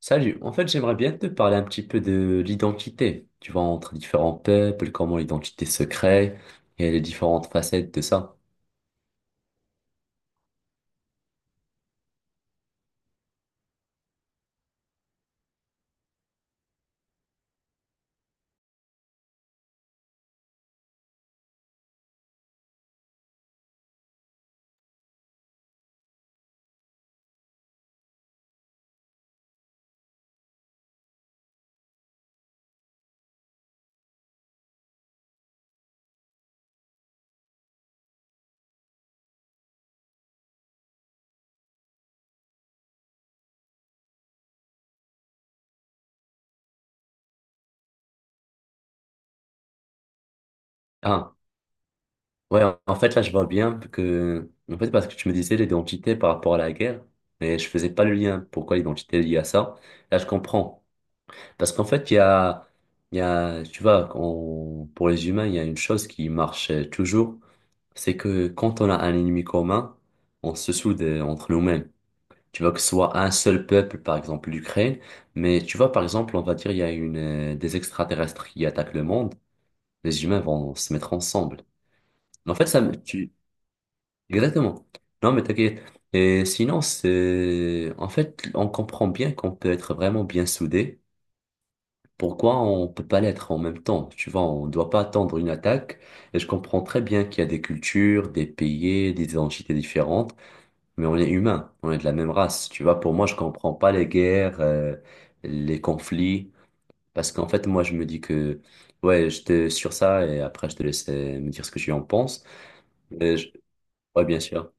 Salut, en fait j'aimerais bien te parler un petit peu de l'identité, tu vois, entre différents peuples, comment l'identité se crée et les différentes facettes de ça. Ah, ouais, en fait là je vois bien que, en fait parce que tu me disais l'identité par rapport à la guerre, mais je faisais pas le lien, pourquoi l'identité est liée à ça, là je comprends. Parce qu'en fait il y a, tu vois, pour les humains il y a une chose qui marche toujours, c'est que quand on a un ennemi commun, on se soude entre nous-mêmes. Tu vois, que ce soit un seul peuple, par exemple l'Ukraine, mais tu vois, par exemple, on va dire, il y a une, des extraterrestres qui attaquent le monde, les humains vont se mettre ensemble. En fait, ça me, tu, exactement. Non, mais t'inquiète. Et sinon, en fait, on comprend bien qu'on peut être vraiment bien soudés. Pourquoi on peut pas l'être en même temps? Tu vois, on doit pas attendre une attaque. Et je comprends très bien qu'il y a des cultures, des pays, des identités différentes. Mais on est humain, on est de la même race. Tu vois, pour moi, je comprends pas les guerres, les conflits, parce qu'en fait, moi, je me dis que, ouais, je te sur ça et après, je te laisse me dire ce que tu en penses. Mais je- Ouais, bien sûr.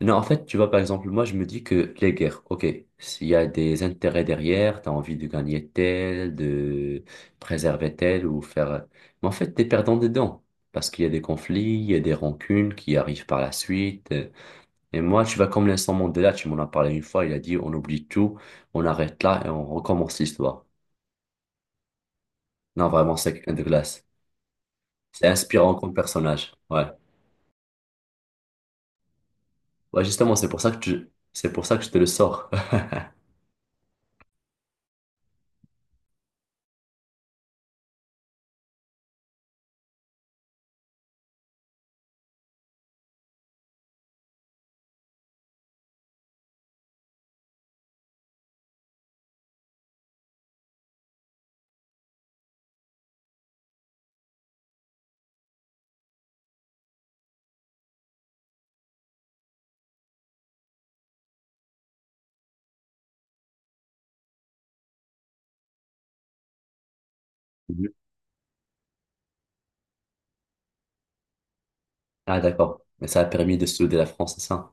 Non, en fait, tu vois, par exemple, moi, je me dis que les guerres, ok, s'il y a des intérêts derrière, t'as envie de gagner tel, de préserver tel ou faire. Mais en fait, t'es perdant dedans, parce qu'il y a des conflits, il y a des rancunes qui arrivent par la suite. Et moi, tu vas comme Vincent Mandela, tu m'en as parlé une fois, il a dit on oublie tout, on arrête là et on recommence l'histoire. Non, vraiment, c'est quelqu'un de glace. C'est inspirant comme personnage. Ouais. Ouais, justement, c'est pour ça que c'est pour ça que je te le sors. Mhm. Ah, d'accord. Mais ça a permis de souder la France, c'est ça?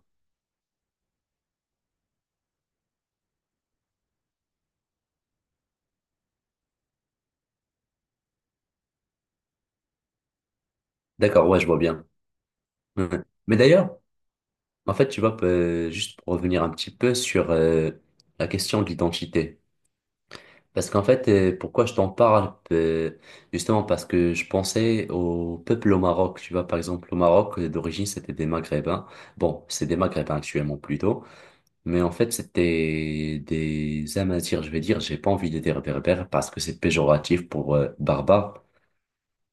D'accord, ouais, je vois bien. Mhm. Mais d'ailleurs, en fait, tu vois, juste pour revenir un petit peu sur la question de l'identité. Parce qu'en fait, pourquoi je t'en parle, justement parce que je pensais au peuple au Maroc. Tu vois, par exemple, au Maroc, d'origine, c'était des Maghrébins. Bon, c'est des Maghrébins actuellement plutôt. Mais en fait, c'était des Amazirs, je vais dire. J'ai pas envie de dire berbères parce que c'est péjoratif pour barbare.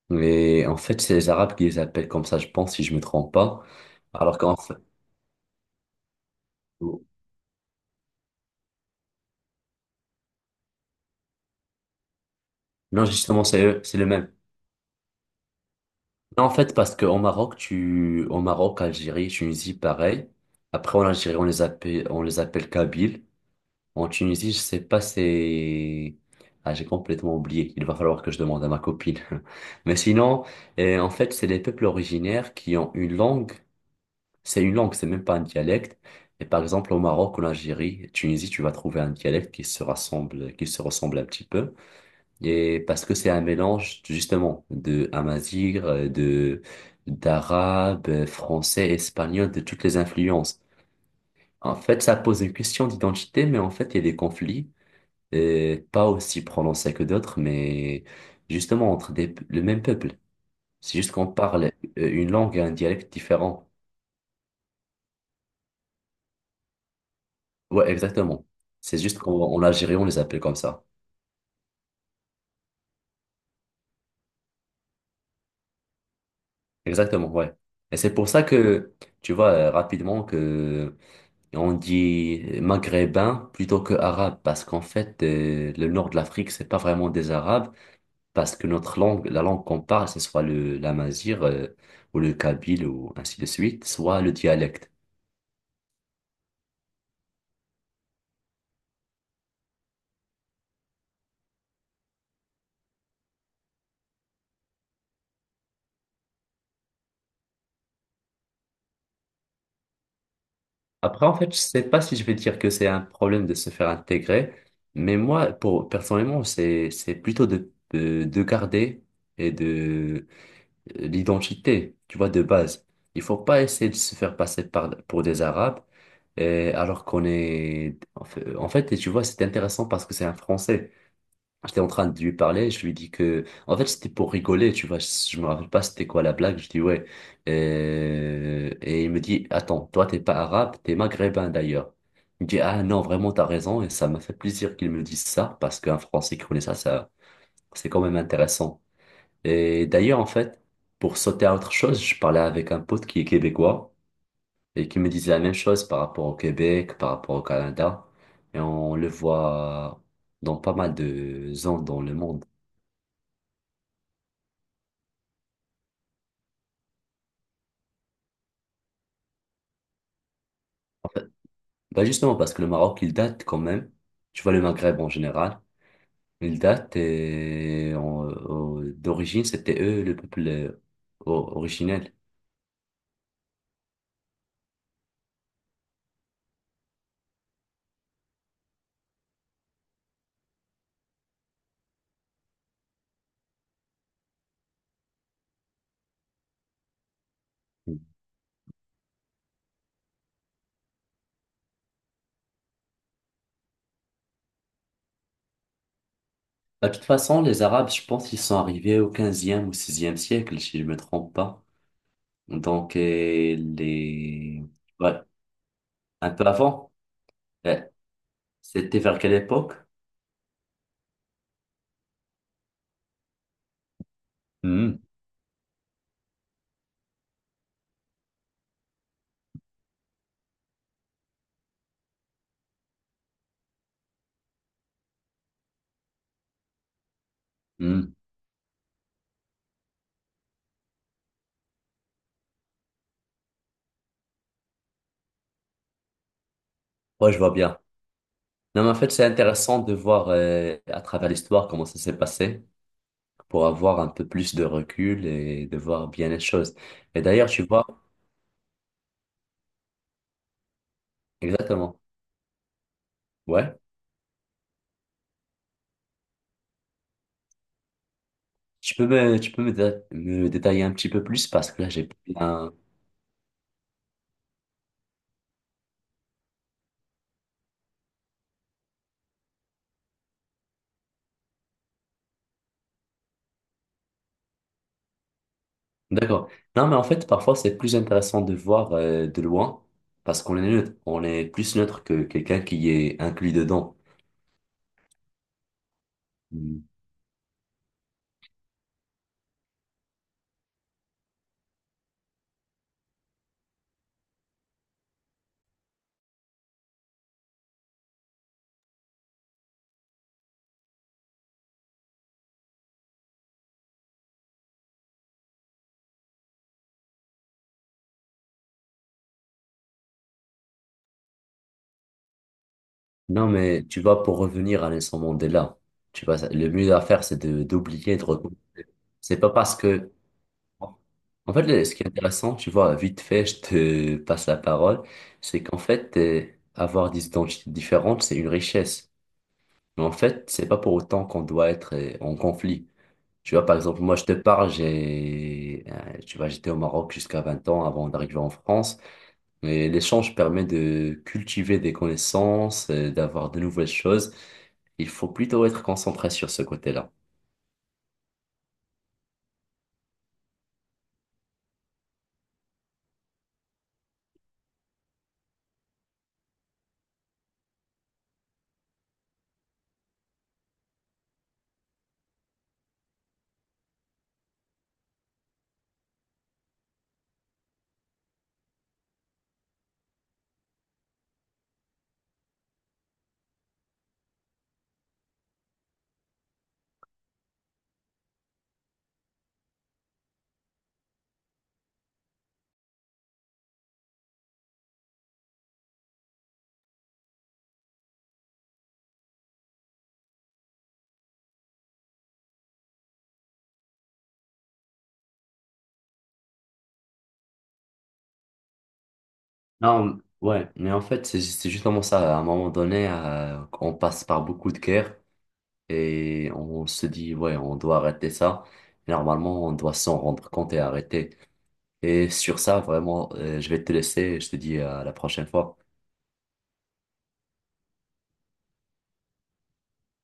Mais en fait, c'est les Arabes qui les appellent comme ça, je pense, si je me trompe pas. Alors qu'en fait, non, justement, c'est eux, c'est le même. En fait, parce qu'au Maroc, au Maroc, Algérie, Tunisie, pareil. Après, en Algérie, on les appelle Kabyles. En Tunisie, je sais pas, ah, j'ai complètement oublié. Il va falloir que je demande à ma copine. Mais sinon, eh, en fait, c'est les peuples originaires qui ont une langue. C'est une langue, c'est même pas un dialecte. Et par exemple, au Maroc, en Algérie, Tunisie, tu vas trouver un dialecte qui se ressemble un petit peu. Et parce que c'est un mélange justement de amazigh, de d'arabe, français, espagnol, de toutes les influences. En fait, ça pose une question d'identité, mais en fait, il y a des conflits, pas aussi prononcés que d'autres, mais justement entre des, le même peuple. C'est juste qu'on parle une langue et un dialecte différent. Ouais, exactement. C'est juste qu'en en Algérie, on les appelle comme ça. Exactement, ouais. Et c'est pour ça que, tu vois, rapidement que on dit maghrébin plutôt que arabe parce qu'en fait, le nord de l'Afrique, c'est pas vraiment des arabes parce que notre langue, la langue qu'on parle, ce soit le l'amazigh ou le kabyle ou ainsi de suite, soit le dialecte. Après, en fait, je sais pas si je vais dire que c'est un problème de se faire intégrer, mais moi, pour personnellement, c'est plutôt de, de garder et de l'identité, tu vois, de base. Il faut pas essayer de se faire passer par, pour des Arabes, alors qu'on est... En fait, tu vois, c'est intéressant parce que c'est un Français. J'étais en train de lui parler, je lui dis que... En fait, c'était pour rigoler, tu vois, me rappelle pas c'était quoi la blague, je dis ouais. Et il me dit, attends, toi, t'es pas arabe, t'es maghrébin d'ailleurs. Il me dit, ah non, vraiment, t'as raison, et ça m'a fait plaisir qu'il me dise ça, parce qu'un Français qui connaît ça, c'est quand même intéressant. Et d'ailleurs, en fait, pour sauter à autre chose, je parlais avec un pote qui est québécois et qui me disait la même chose par rapport au Québec, par rapport au Canada. Et on le voit dans pas mal de zones dans le monde. Bah justement, parce que le Maroc, il date quand même. Tu vois, le Maghreb en général, il date d'origine, c'était eux le peuple originel. Bah, de toute façon, les Arabes, je pense ils sont arrivés au 15e ou 16e siècle, si je me trompe pas. Donc, les... ouais, un peu avant. Euh, C'était vers quelle époque? Hmm, hmm. Ouais, je vois bien. Non, mais en fait, c'est intéressant de voir à travers l'histoire comment ça s'est passé pour avoir un peu plus de recul et de voir bien les choses. Et d'ailleurs, tu vois, exactement. Ouais. Tu peux me, dé- Me détailler un petit peu plus parce que là, j'ai pas bien d'accord. Non, mais en fait, parfois, c'est plus intéressant de voir de loin parce qu'on est neutre. On est plus neutre que quelqu'un qui est inclus dedans. Mm. Non, mais tu vois, pour revenir à Nelson Mandela, tu vois, le mieux à faire, c'est de d'oublier, de reconnaître. C'est pas parce que. En fait, ce qui est intéressant, tu vois, vite fait, je te passe la parole, c'est qu'en fait, avoir des identités différentes, c'est une richesse. Mais en fait, c'est pas pour autant qu'on doit être en conflit. Tu vois, par exemple, moi, je te parle, tu vois, j'étais au Maroc jusqu'à 20 ans avant d'arriver en France. Mais l'échange permet de cultiver des connaissances, d'avoir de nouvelles choses. Il faut plutôt être concentré sur ce côté-là. Non, ouais, mais en fait, c'est justement ça. À un moment donné, on passe par beaucoup de guerres. Et on se dit, ouais, on doit arrêter ça. Normalement, on doit s'en rendre compte et arrêter. Et sur ça, vraiment, je vais te laisser. Je te dis à la prochaine fois.